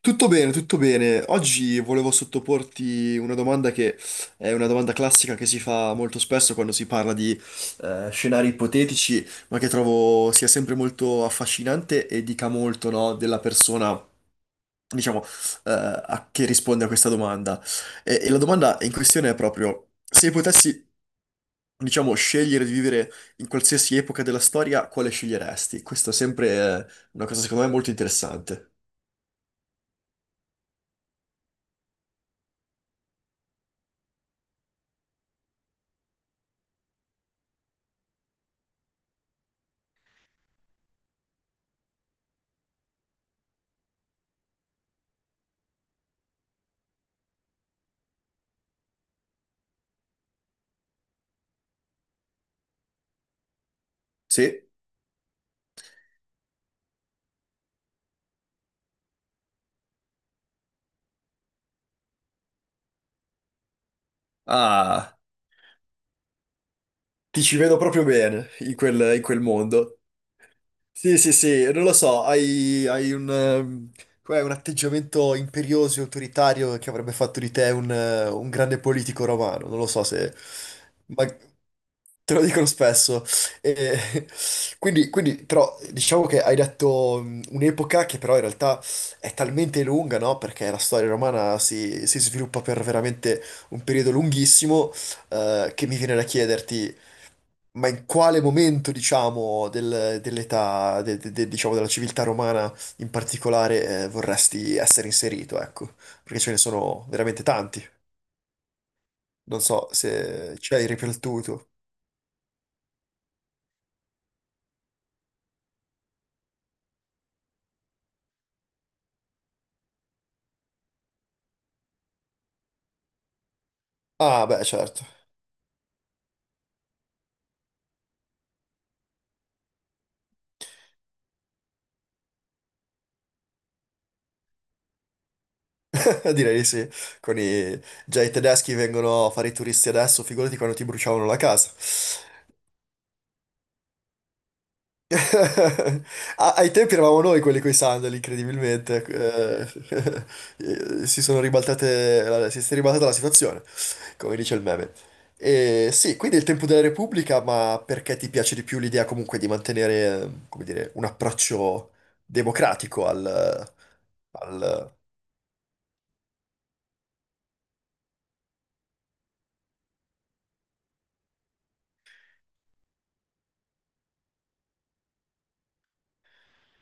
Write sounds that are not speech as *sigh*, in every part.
Tutto bene, tutto bene. Oggi volevo sottoporti una domanda che è una domanda classica che si fa molto spesso quando si parla di scenari ipotetici, ma che trovo sia sempre molto affascinante e dica molto, no, della persona, diciamo, che risponde a questa domanda. E la domanda in questione è proprio, se potessi, diciamo, scegliere di vivere in qualsiasi epoca della storia, quale sceglieresti? Questa è sempre una cosa, secondo me, molto interessante. Sì? Ah... Ti ci vedo proprio bene in quel mondo. Sì, sì, sì, non lo so, hai un, com'è, un atteggiamento imperioso e autoritario che avrebbe fatto di te un grande politico romano. Non lo so se... Ma te lo dicono spesso. E- *laughs* quindi, però, diciamo che hai detto un'epoca che però in realtà è talmente lunga, no? Perché la storia romana si sviluppa per veramente un periodo lunghissimo, che mi viene da chiederti... Ma in quale momento, diciamo, dell'età, diciamo, della civiltà romana in particolare, vorresti essere inserito, ecco? Perché ce ne sono veramente tanti. Non so se ci hai riflettuto. Ah, beh, certo. *laughs* Direi di sì. Con i... Già i tedeschi vengono a fare i turisti adesso, figurati quando ti bruciavano la casa. *laughs* A- Ai tempi eravamo noi quelli coi sandali, incredibilmente. *laughs* Si sono ribaltate, si è ribaltata la situazione, come dice il meme. E sì, quindi il tempo della Repubblica, ma perché ti piace di più l'idea comunque di mantenere, come dire, un approccio democratico al... al-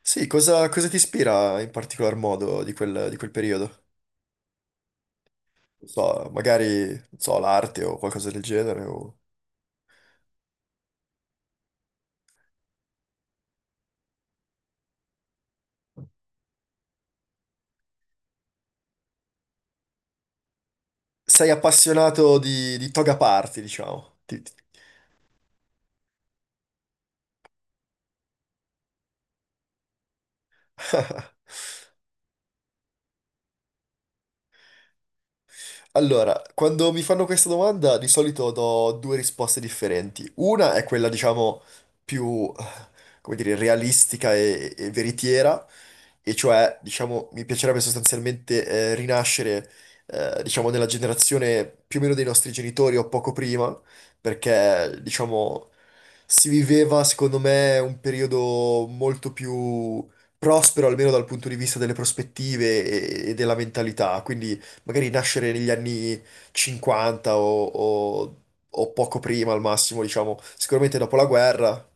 Sì, cosa ti ispira in particolar modo di quel periodo? Non so, magari, non so, l'arte o qualcosa del genere o... sei appassionato di toga party, diciamo. *laughs* Allora, quando mi fanno questa domanda di solito do due risposte differenti. Una è quella, diciamo, più, come dire, realistica e veritiera, e cioè, diciamo, mi piacerebbe sostanzialmente rinascere, diciamo, nella generazione più o meno dei nostri genitori o poco prima, perché, diciamo, si viveva, secondo me, un periodo molto più prospero, almeno dal punto di vista delle prospettive e della mentalità. Quindi magari nascere negli anni 50 o poco prima al massimo, diciamo, sicuramente dopo la guerra.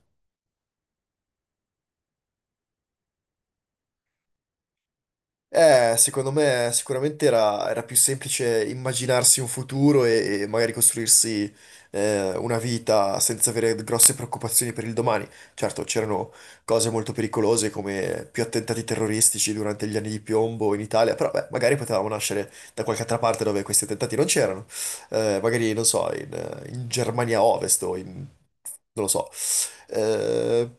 Secondo me sicuramente era più semplice immaginarsi un futuro e magari costruirsi una vita senza avere grosse preoccupazioni per il domani. Certo, c'erano cose molto pericolose come più attentati terroristici durante gli anni di piombo in Italia, però beh, magari potevamo nascere da qualche altra parte dove questi attentati non c'erano. Magari, non so, in Germania Ovest o in... non lo so. Eh,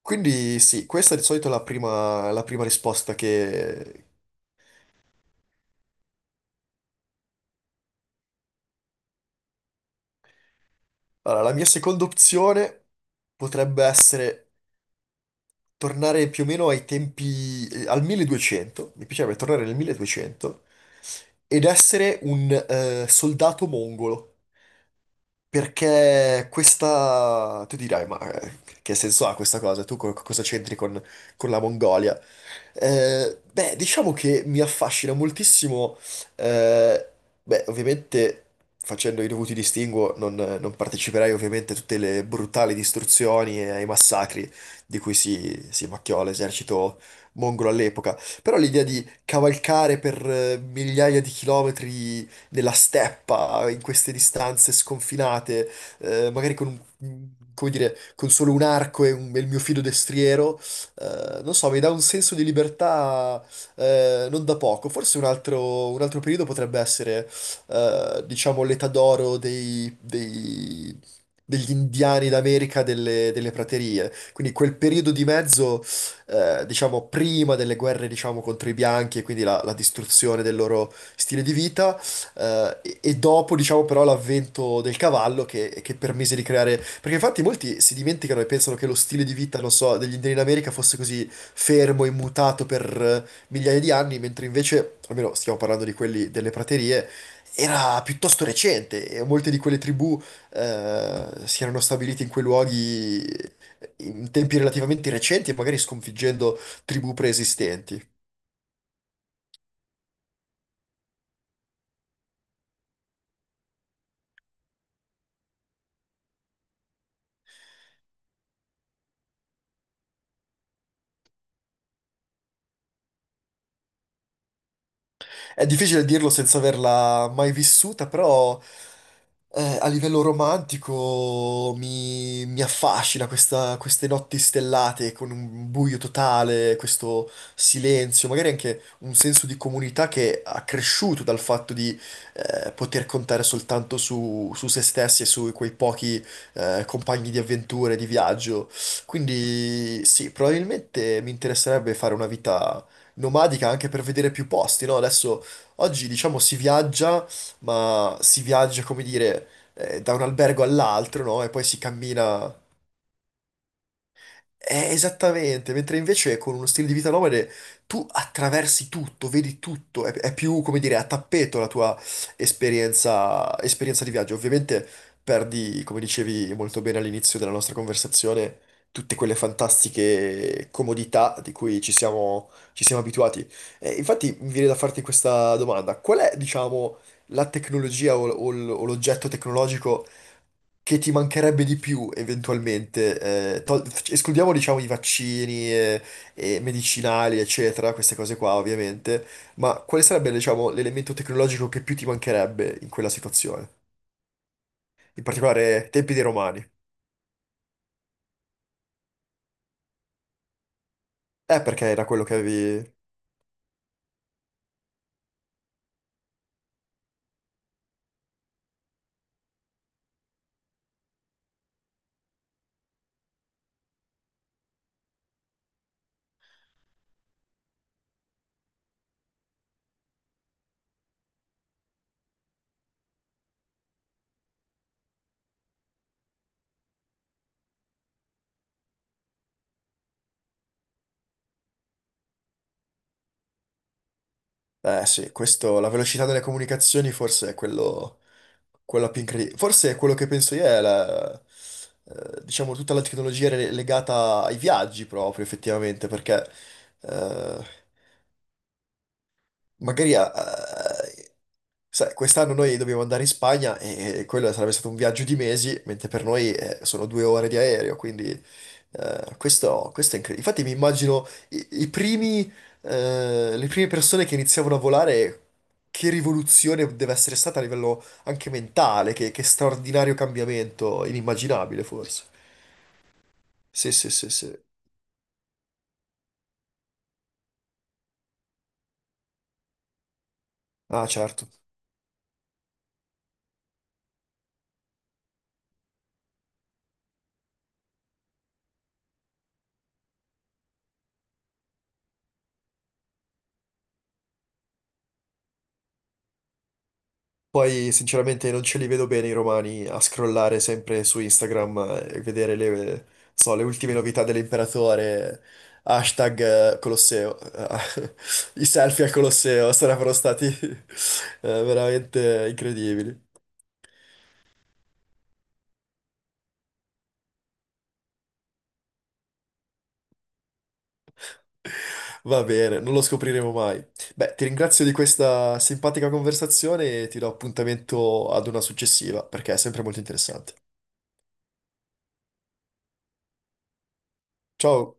quindi sì, questa è di solito la prima risposta che... Allora, la mia seconda opzione potrebbe essere tornare più o meno ai tempi, al 1200, mi piacerebbe tornare nel 1200, ed essere un soldato mongolo, perché questa... tu dirai, ma che senso ha questa cosa? Cosa c'entri con la Mongolia? Beh, diciamo che mi affascina moltissimo, eh, beh, ovviamente facendo i dovuti distinguo non parteciperai ovviamente a tutte le brutali distruzioni e ai massacri di cui si macchiò l'esercito mongolo all'epoca, però l'idea di cavalcare per migliaia di chilometri nella steppa, in queste distanze sconfinate, magari con come dire, con solo un arco e il mio fido destriero, non so, mi dà un senso di libertà non da poco. Forse un altro periodo potrebbe essere, diciamo, l'età d'oro degli indiani d'America delle praterie. Quindi quel periodo di mezzo, diciamo, prima delle guerre, diciamo, contro i bianchi e quindi la distruzione del loro stile di vita, e dopo, diciamo, però, l'avvento del cavallo che permise di creare. Perché infatti molti si dimenticano e pensano che lo stile di vita, non so, degli indiani in America fosse così fermo e mutato per migliaia di anni, mentre invece, almeno stiamo parlando di quelli delle praterie, era piuttosto recente e molte di quelle tribù si erano stabilite in quei luoghi. In tempi relativamente recenti e magari sconfiggendo tribù preesistenti. È difficile dirlo senza averla mai vissuta, però a livello romantico mi affascina queste notti stellate con un buio totale, questo silenzio, magari anche un senso di comunità che ha cresciuto dal fatto di poter contare soltanto su se stessi e su quei pochi compagni di avventure, di viaggio. Quindi sì, probabilmente mi interesserebbe fare una vita nomadica anche per vedere più posti, no? Adesso, oggi diciamo si viaggia, ma si viaggia, come dire, da un albergo all'altro, no? E poi si cammina. Esattamente, mentre invece con uno stile di vita nomade tu attraversi tutto, vedi tutto, è più, come dire, a tappeto la tua esperienza di viaggio. Ovviamente perdi, come dicevi molto bene all'inizio della nostra conversazione, tutte quelle fantastiche comodità di cui ci siamo abituati. Infatti mi viene da farti questa domanda, qual è, diciamo, la tecnologia o l'oggetto tecnologico che ti mancherebbe di più eventualmente, eh, tol- escludiamo diciamo i vaccini e medicinali, eccetera, queste cose qua ovviamente, ma quale sarebbe diciamo l'elemento tecnologico che più ti mancherebbe in quella situazione? In particolare tempi dei Romani. Perché era quello che avevi... Eh sì, questo, la velocità delle comunicazioni forse è quello più incredibile. Forse è quello che penso io è la... diciamo tutta la tecnologia legata ai viaggi proprio effettivamente perché eh, magari a- a- sai, quest'anno noi dobbiamo andare in Spagna e quello sarebbe stato un viaggio di mesi, mentre per noi sono 2 ore di aereo, quindi questo è incredibile. Infatti mi immagino i primi, le prime persone che iniziavano a volare, che rivoluzione deve essere stata a livello anche mentale, che straordinario cambiamento, inimmaginabile forse. Sì, sì, sì, sì. Ah, certo. Poi sinceramente non ce li vedo bene i romani a scrollare sempre su Instagram e vedere le, so, le ultime novità dell'imperatore, hashtag Colosseo, *laughs* i selfie al Colosseo sarebbero stati *laughs* veramente incredibili. Va bene, non lo scopriremo mai. Beh, ti ringrazio di questa simpatica conversazione e ti do appuntamento ad una successiva perché è sempre molto interessante. Ciao!